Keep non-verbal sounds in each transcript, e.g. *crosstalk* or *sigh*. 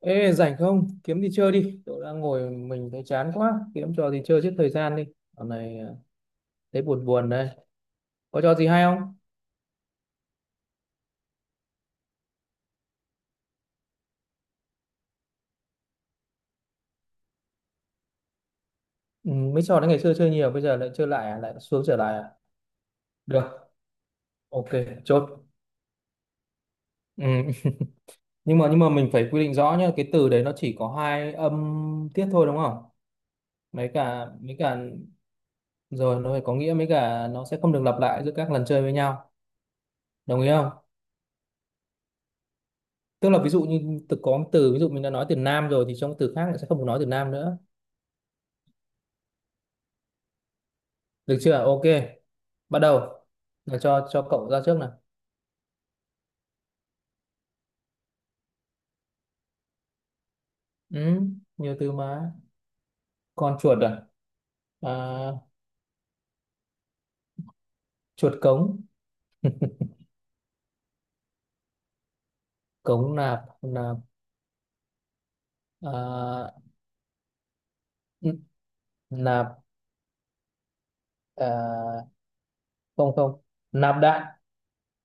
Ê, rảnh không? Kiếm đi chơi đi. Tôi đang ngồi mình thấy chán quá. Kiếm trò gì chơi giết thời gian đi. Dạo này à, thấy buồn buồn đây. Có trò gì hay không? Ừ, mấy trò đấy ngày xưa chơi nhiều, bây giờ lại chơi lại à? Lại xuống trở lại à? Được. Ok, chốt. Ừ. Nhưng mà mình phải quy định rõ nhá. Cái từ đấy nó chỉ có hai âm tiết thôi đúng không? Mấy cả rồi nó phải có nghĩa, mấy cả nó sẽ không được lặp lại giữa các lần chơi với nhau. Đồng ý không? Tức là ví dụ như từ có một từ, ví dụ mình đã nói từ nam rồi thì trong từ khác lại sẽ không được nói từ nam nữa. Được chưa? Ok, bắt đầu rồi, cho cậu ra trước nào. Ừ, nhiều từ mà. Con chuột à? À, chuột cống. Cống nạp. Nạp à? n- Nạp. À, không không, nạp đạn.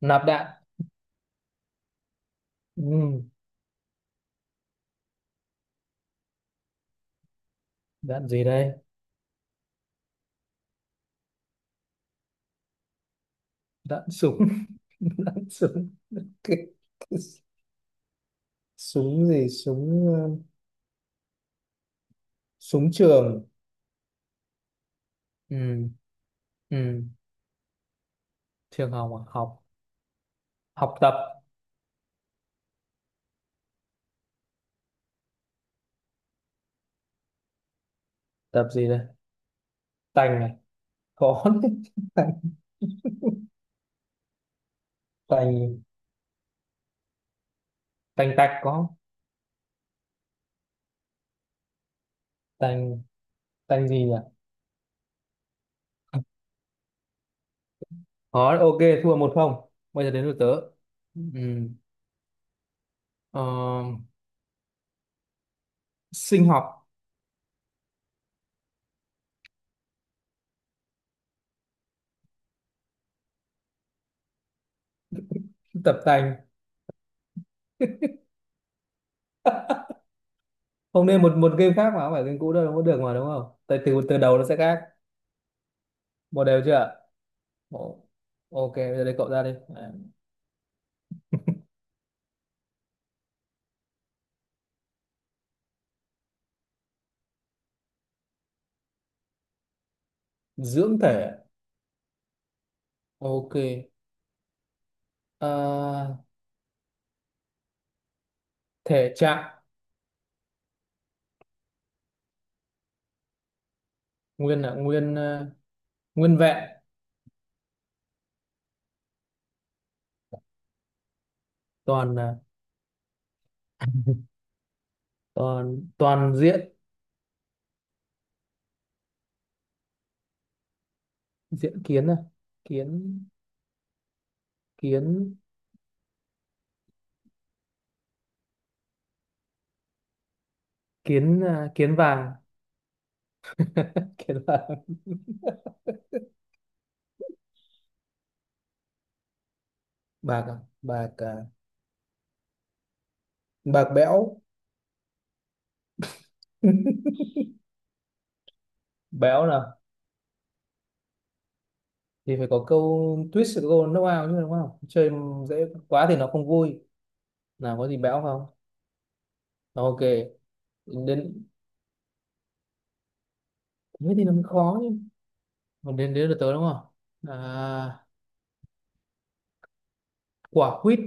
Nạp đạn. Ừ, đạn gì đây? Đạn súng. *laughs* Đạn súng. Cái, cái súng gì? Súng súng trường. Ừ. Ừ. Trường học à? Học. Học tập. Tập gì đây? Tành này có *laughs* đấy. Tành. Tành. Tành tạch có không? Tanh. Tanh gì nhỉ? Khó. Ok, thua 1-0. Bây giờ đến lượt tớ. Ừm, ờ, Sinh học. Tập tành. Không nên một một game khác mà không phải game cũ đâu, không có được mà đúng không? Tại từ từ đầu nó sẽ khác. Một đều chưa? Ồ, ok, bây giờ đến cậu ra đi. À, dưỡng thể. Ok. Ờ, thể trạng. Nguyên là nguyên nguyên vẹn. Toàn là toàn toàn diện. Diện kiến à? Kiến. Kiến. Kiến à? Kiến vàng. *laughs* Kiến vàng. Bạc à? Bạc à? Bạc bẽo. *laughs* Béo nào thì phải có câu twist, có câu knock out chứ đúng không? Chơi dễ quá thì nó không vui. Nào, có gì béo không? Ok, đến. Thế thì nó mới khó chứ, còn đến đến được tới đúng không? À, quả quýt.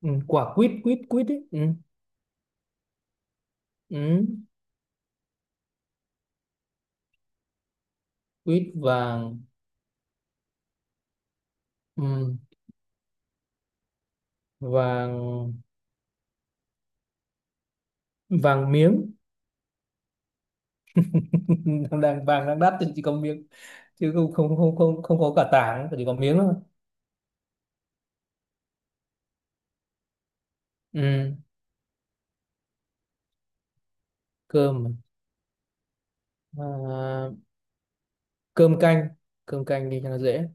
Ừ, quả quýt. Quýt quýt ấy. Ừ. Ừ. Quýt vàng. Ừ. Vàng. Vàng miếng. *laughs* đang đang- Vàng đang đắt thì chỉ có miếng chứ không không không không không có cả tảng, chỉ có miếng thôi. Ừ. Cơm. À, cơm canh. Cơm canh đi cho nó dễ.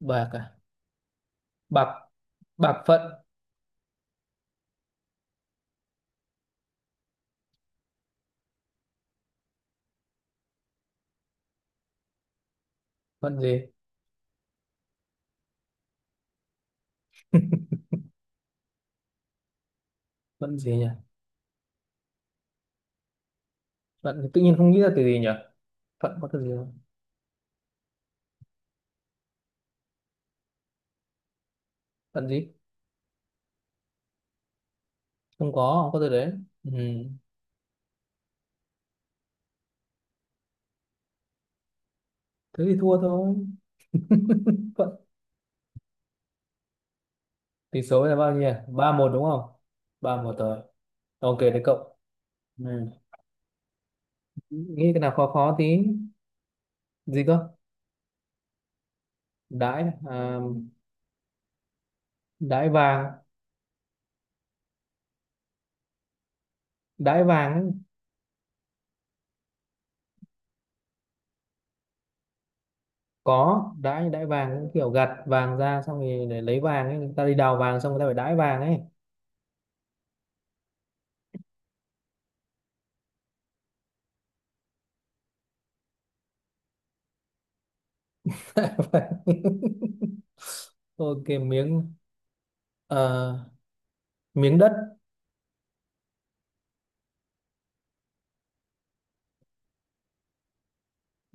Bạc à? Bạc. Bạc phận. Phận gì? Phận gì nhỉ? Phận thì tự nhiên không nghĩ ra từ gì nhỉ. Phận có từ gì không? Phận gì? Không có từ đấy. Ừ. Thế thì thua thôi. Phận. Tỷ số là bao nhiêu nhỉ? 3-1 đúng không? 3-1 rồi. Ok, đấy cậu. Ừ, nghĩ cái nào khó khó tí. Gì cơ? Đãi à? Đãi vàng. Đãi vàng ấy. Có đãi, đãi vàng cũng kiểu gặt vàng ra xong thì để lấy vàng ấy, người ta đi đào vàng xong người ta phải đãi vàng ấy. *laughs* Ok, miếng. Ờ, miếng đất.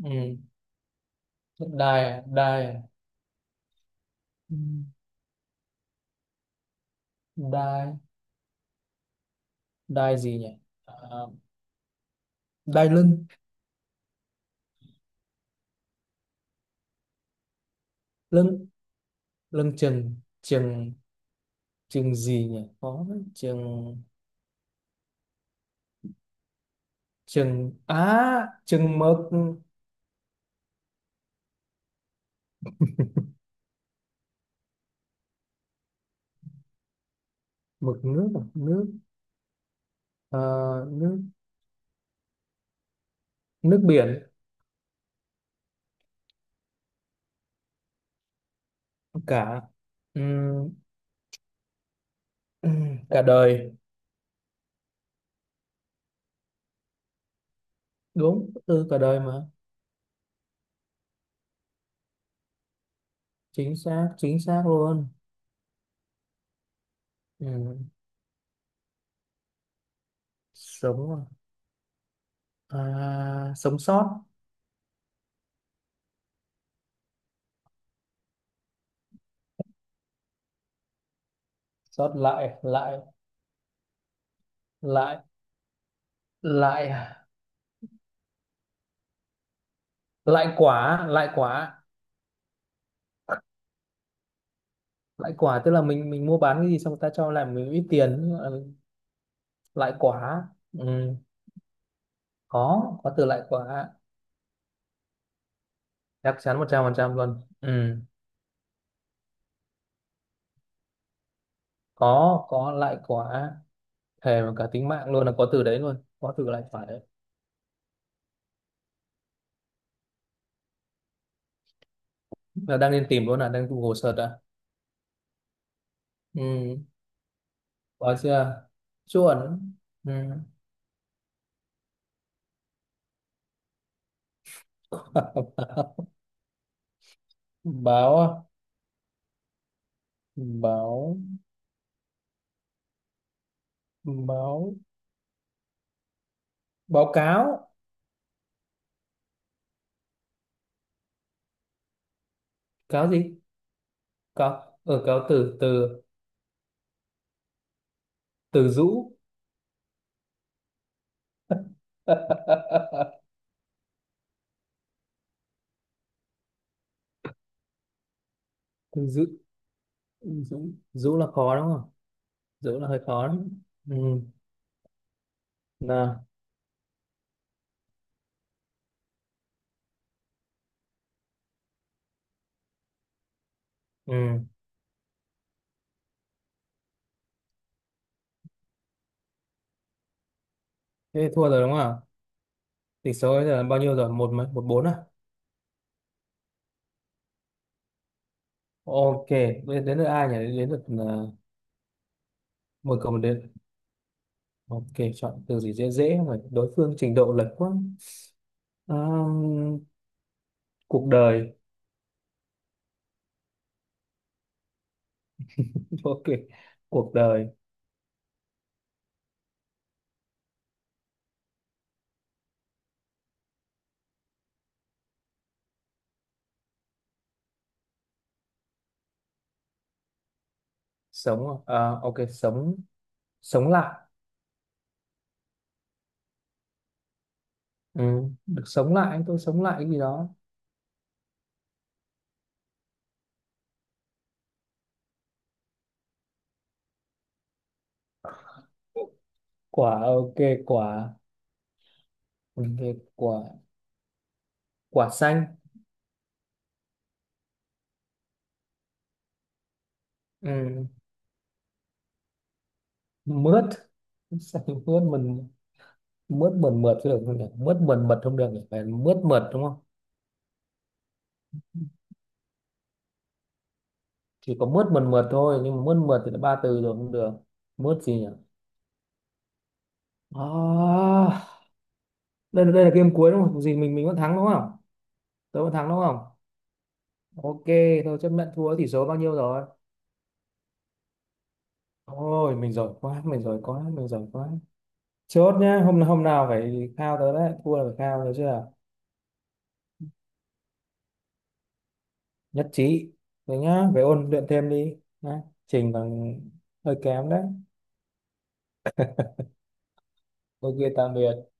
Ừ. Đài. Đài. Ừ, đài. Đài gì nhỉ? Ờ, đài lưng. Lưng. Lưng chừng. Chừng. Chừng gì nhỉ? Có đấy, chừng. Chừng á, chừng mực. Mực nước à? Nước. Ờ, nước. Nước biển. Cả. Ừ. Ừ, cả đời. Đúng từ cả đời mà. Chính xác, chính xác luôn. Ừ. Sống à? À, sống sót. Sót lại. Lại. Lại. Lại. Lại quả. Lại quả. Lại quả tức là mình mua bán cái gì xong người ta cho lại mình ít tiền. Ừ, lại quả. Ừ. có từ lại quả. Chắc chắn 100% luôn. Ừ. có lại quả. Thề mà cả tính mạng luôn là có từ đấy luôn, có từ lại quả đấy. Là đang lên tìm luôn, là đang Google search à. Ừ. Có chưa? Chuẩn. Ừ. *laughs* Báo à? Báo. Báo. Báo cáo. Cáo gì? Cáo ở. Cáo từ. Từ. Từ rũ. *laughs* Từ rũ. Rũ. Rũ là khó đúng không? Rũ là hơi khó đấy. Ừ. Nào. Ừ. Thế thì thua rồi đúng không? Tỷ số bây giờ là bao nhiêu rồi? Một mấy? 1-4 à? Ok, bây giờ đến lượt ai nhỉ? Đến lượt một cầu một. Đến. Ok, chọn từ gì dễ dễ, không phải đối phương trình độ lệch quá. Ờm, Cuộc đời. *laughs* Ok, cuộc đời. Sống à? Ok, sống. Sống lại. Ừ, được sống lại. Tôi sống lại cái gì đó. Quả. Ok, quả. Ừ, ok, quả. Quả xanh. Ừ. Mướt. *laughs* Xanh mướt mình. Mướt mượt mượt chứ được không nhỉ? Mướt mượt mượt không được nhỉ, phải mướt mượt đúng không? Chỉ có mướt mượt mượt thôi, nhưng mà mướt mượt thì là ba từ rồi, không được. Mướt gì nhỉ? À, đây là game cuối đúng không? Gì, mình vẫn thắng đúng không? Tôi vẫn thắng đúng không? Ok, tôi chấp nhận thua. Tỷ số bao nhiêu rồi? Ôi, mình giỏi quá, mình giỏi quá, mình giỏi quá. Chốt nhá, hôm hôm nào phải khao tớ đấy, thua là phải khao được chưa? Nhất trí. Rồi nhá, phải ôn luyện thêm đi. Nhá. Trình còn hơi kém đấy. Ok, tạm biệt.